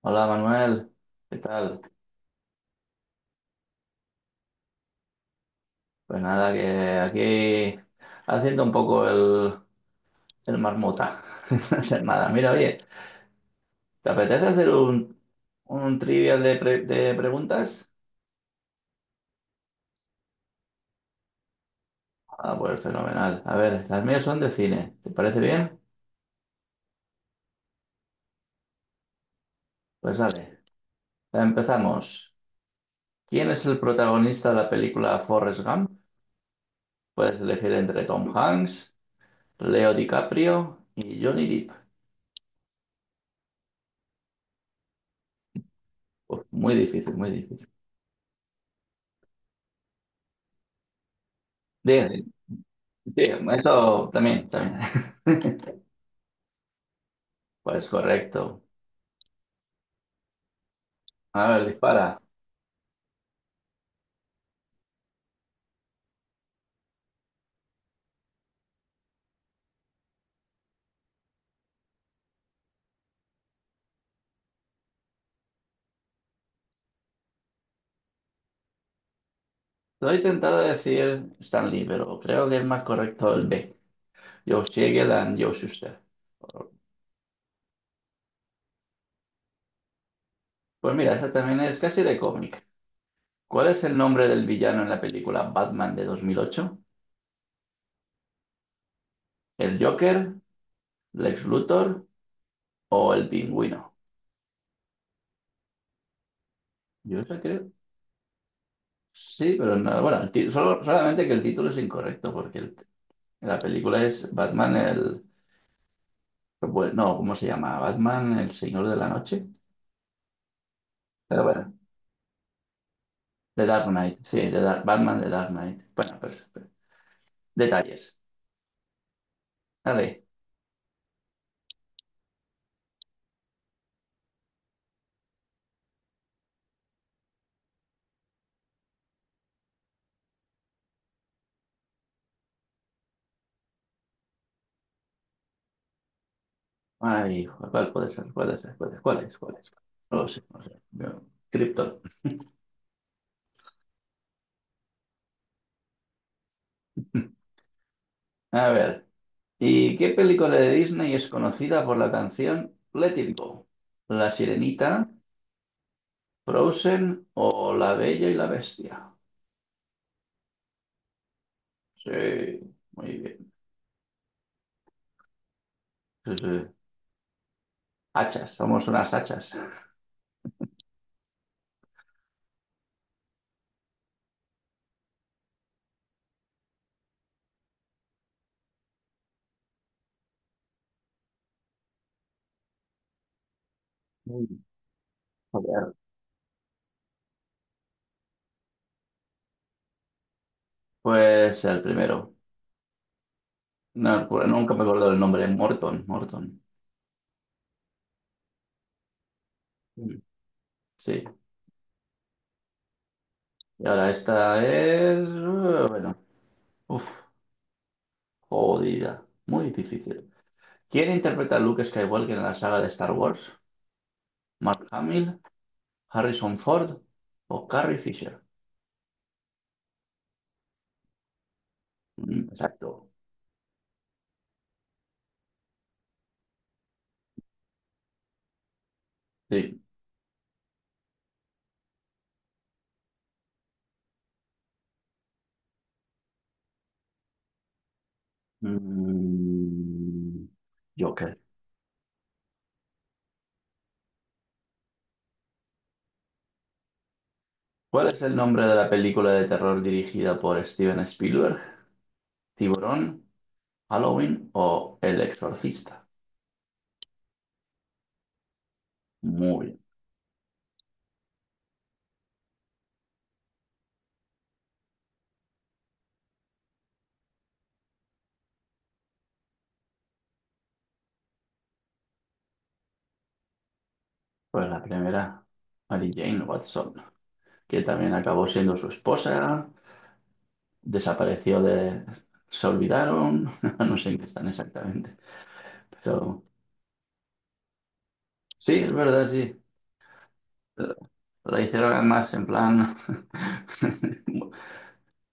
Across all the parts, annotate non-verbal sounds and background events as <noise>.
Hola Manuel, ¿qué tal? Pues nada, que aquí haciendo un poco el marmota, <laughs> no hacer nada. Mira, oye, ¿te apetece hacer un trivial de preguntas? Ah, pues fenomenal. A ver, las mías son de cine, ¿te parece bien? Pues dale, empezamos. ¿Quién es el protagonista de la película Forrest Gump? Puedes elegir entre Tom Hanks, Leo DiCaprio y Johnny Depp. Uf, muy difícil, muy difícil. Diga, sí, eso también, también. <laughs> Pues correcto. A ver, dispara. Estoy tentado de decir Stanley, pero creo que es más correcto el B. Yoshiegal and Joe Shuster. Pues mira, esta también es casi de cómic. ¿Cuál es el nombre del villano en la película Batman de 2008? ¿El Joker, Lex Luthor o el Pingüino? Yo eso creo. Sí, pero no. Bueno, solo, solamente que el título es incorrecto porque la película es Batman el... Bueno, no, ¿cómo se llama? ¿Batman el Señor de la Noche? Pero bueno, The Dark Knight, sí, The Dark, Batman, The Dark Knight. Bueno, pues, detalles. Dale. Ay, hijo, ¿cuál puede ser? ¿Cuál es? ¿Cuál es? ¿Cuál es? ¿Cuál es? No lo sé, no lo sé. Krypton. <laughs> A ver, ¿y qué película de Disney es conocida por la canción Let It Go? ¿La Sirenita, Frozen o La Bella y la Bestia? Sí, muy bien. Sí, sí. Hachas, somos unas hachas. Mm, joder. Pues el primero. No, pues nunca me acuerdo del nombre, Morton, Morton. Sí, y ahora esta es... bueno, uf, jodida, muy difícil. ¿Quién interpreta a Luke Skywalker en la saga de Star Wars? ¿Mark Hamill, Harrison Ford o Carrie Fisher? Exacto, sí. Mm, Joker. ¿Cuál es el nombre de la película de terror dirigida por Steven Spielberg? ¿Tiburón, Halloween o El Exorcista? Muy bien. Pues la primera, Mary Jane Watson, que también acabó siendo su esposa, desapareció de... se olvidaron, <laughs> no sé en qué están exactamente, pero sí, es verdad, sí. La hicieron además en plan <laughs>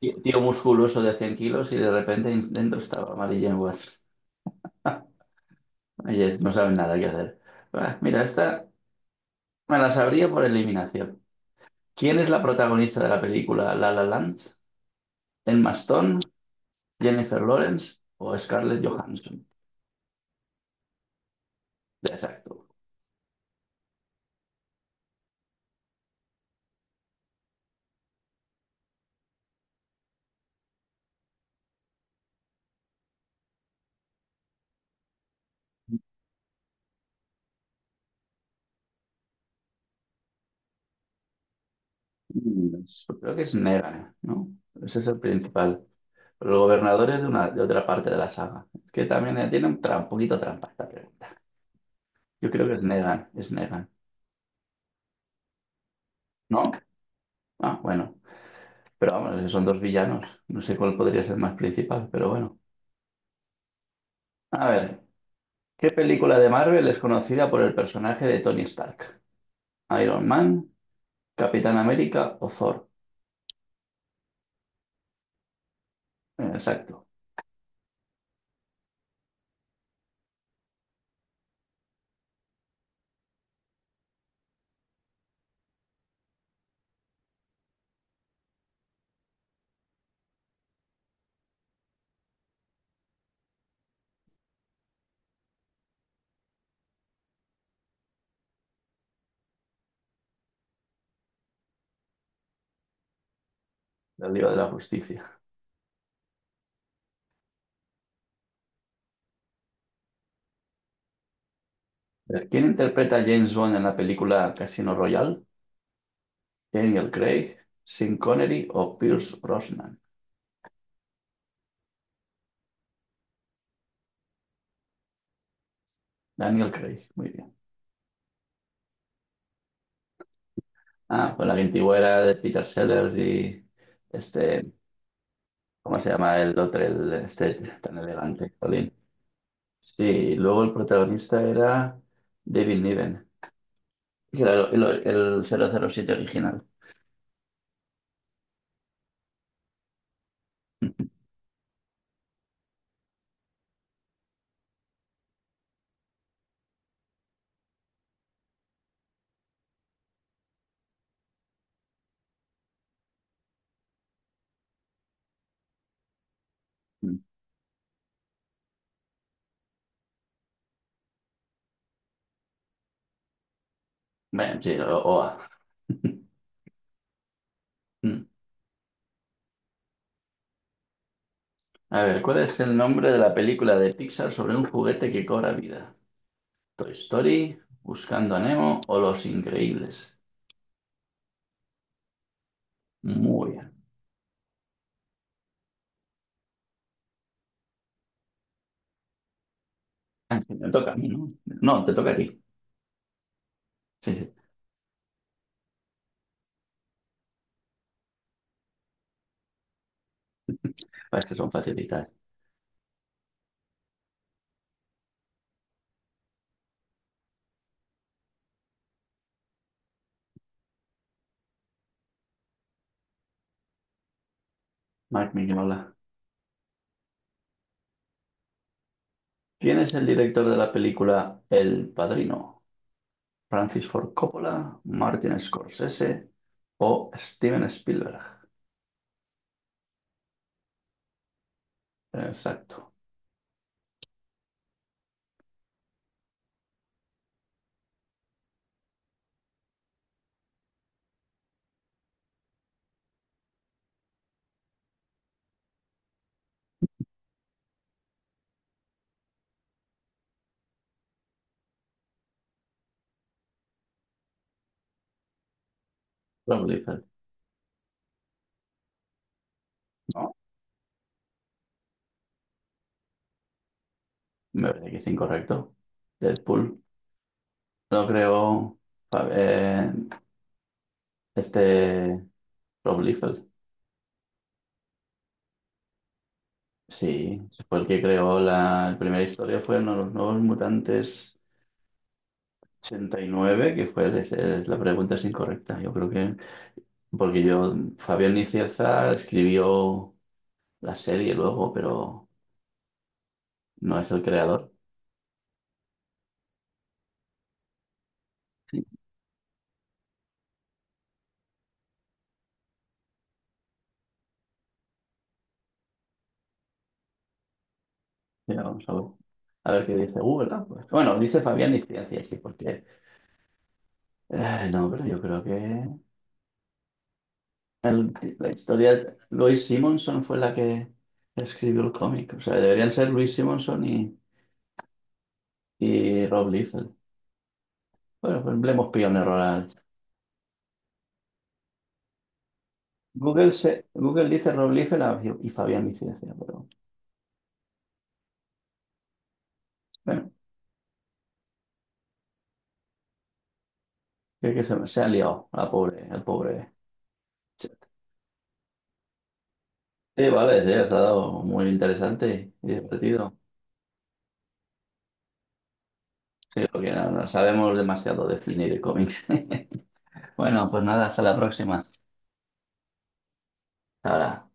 tío musculoso de 100 kilos y de repente dentro estaba Mary Watts. Y no saben nada que hacer. Ah, mira, esta me la sabría por eliminación. ¿Quién es la protagonista de la película La La Land? ¿Emma Stone, Jennifer Lawrence o Scarlett Johansson? Exacto. Mm, yo creo que es Negan, ¿no? Ese es el principal. El gobernador es de otra parte de la saga. Que también tiene un poquito trampa esta pregunta. Yo creo que es Negan, es Negan. ¿No? Ah, bueno. Pero vamos, que son dos villanos. No sé cuál podría ser más principal, pero bueno. A ver, ¿qué película de Marvel es conocida por el personaje de Tony Stark? ¿Iron Man, Capitán América o Thor? Exacto, la Liga de la Justicia. A ver, ¿quién interpreta a James Bond en la película Casino Royale? ¿Daniel Craig, Sean Connery o Pierce Brosnan? Daniel Craig, muy bien. Ah, pues la que antigua era de Peter Sellers y este, ¿cómo se llama el otro, este tan elegante? Jolín. Sí, luego el protagonista era David Niven, que era el 007 original. Mm. Bueno, sí, OA. <laughs> Mm. A ver, ¿cuál es el nombre de la película de Pixar sobre un juguete que cobra vida? ¿Toy Story, Buscando a Nemo o Los Increíbles? Muy bien. Ah, sí, me toca a mí, ¿no? No, te toca a ti. Sí, sí. Ah, es que son facilitas. Mark Mignola. ¿Quién es el director de la película El Padrino? ¿Francis Ford Coppola, Martin Scorsese o Steven Spielberg? Exacto. Prolifer. No, me parece que es incorrecto. Deadpool. No creo. Fa- eh, este. Rob Liefeld. Sí, fue el que creó la primera historia. Fueron los nuevos mutantes. 89 que la pregunta es incorrecta. Yo creo que, porque yo, Fabián Nicieza escribió la serie luego, pero no es el creador. Mira, vamos a ver. A ver qué dice Google. Ah, pues. Bueno, dice Fabián Nicieza, sí, porque... no, pero yo creo que el- la historia... Louise Simonson fue la que escribió el cómic. O sea, deberían ser Louise Simonson y Rob Liefeld. Bueno, pues le hemos pillado un error al... Google, se, Google dice Rob Liefeld y Fabián Nicieza, pero... Bueno, que se ha liado la pobre, el pobre. Sí, vale, sí, ha estado muy interesante y divertido. Sí, porque no, no sabemos demasiado de cine y de cómics. <laughs> Bueno, pues nada, hasta la próxima. Hasta ahora.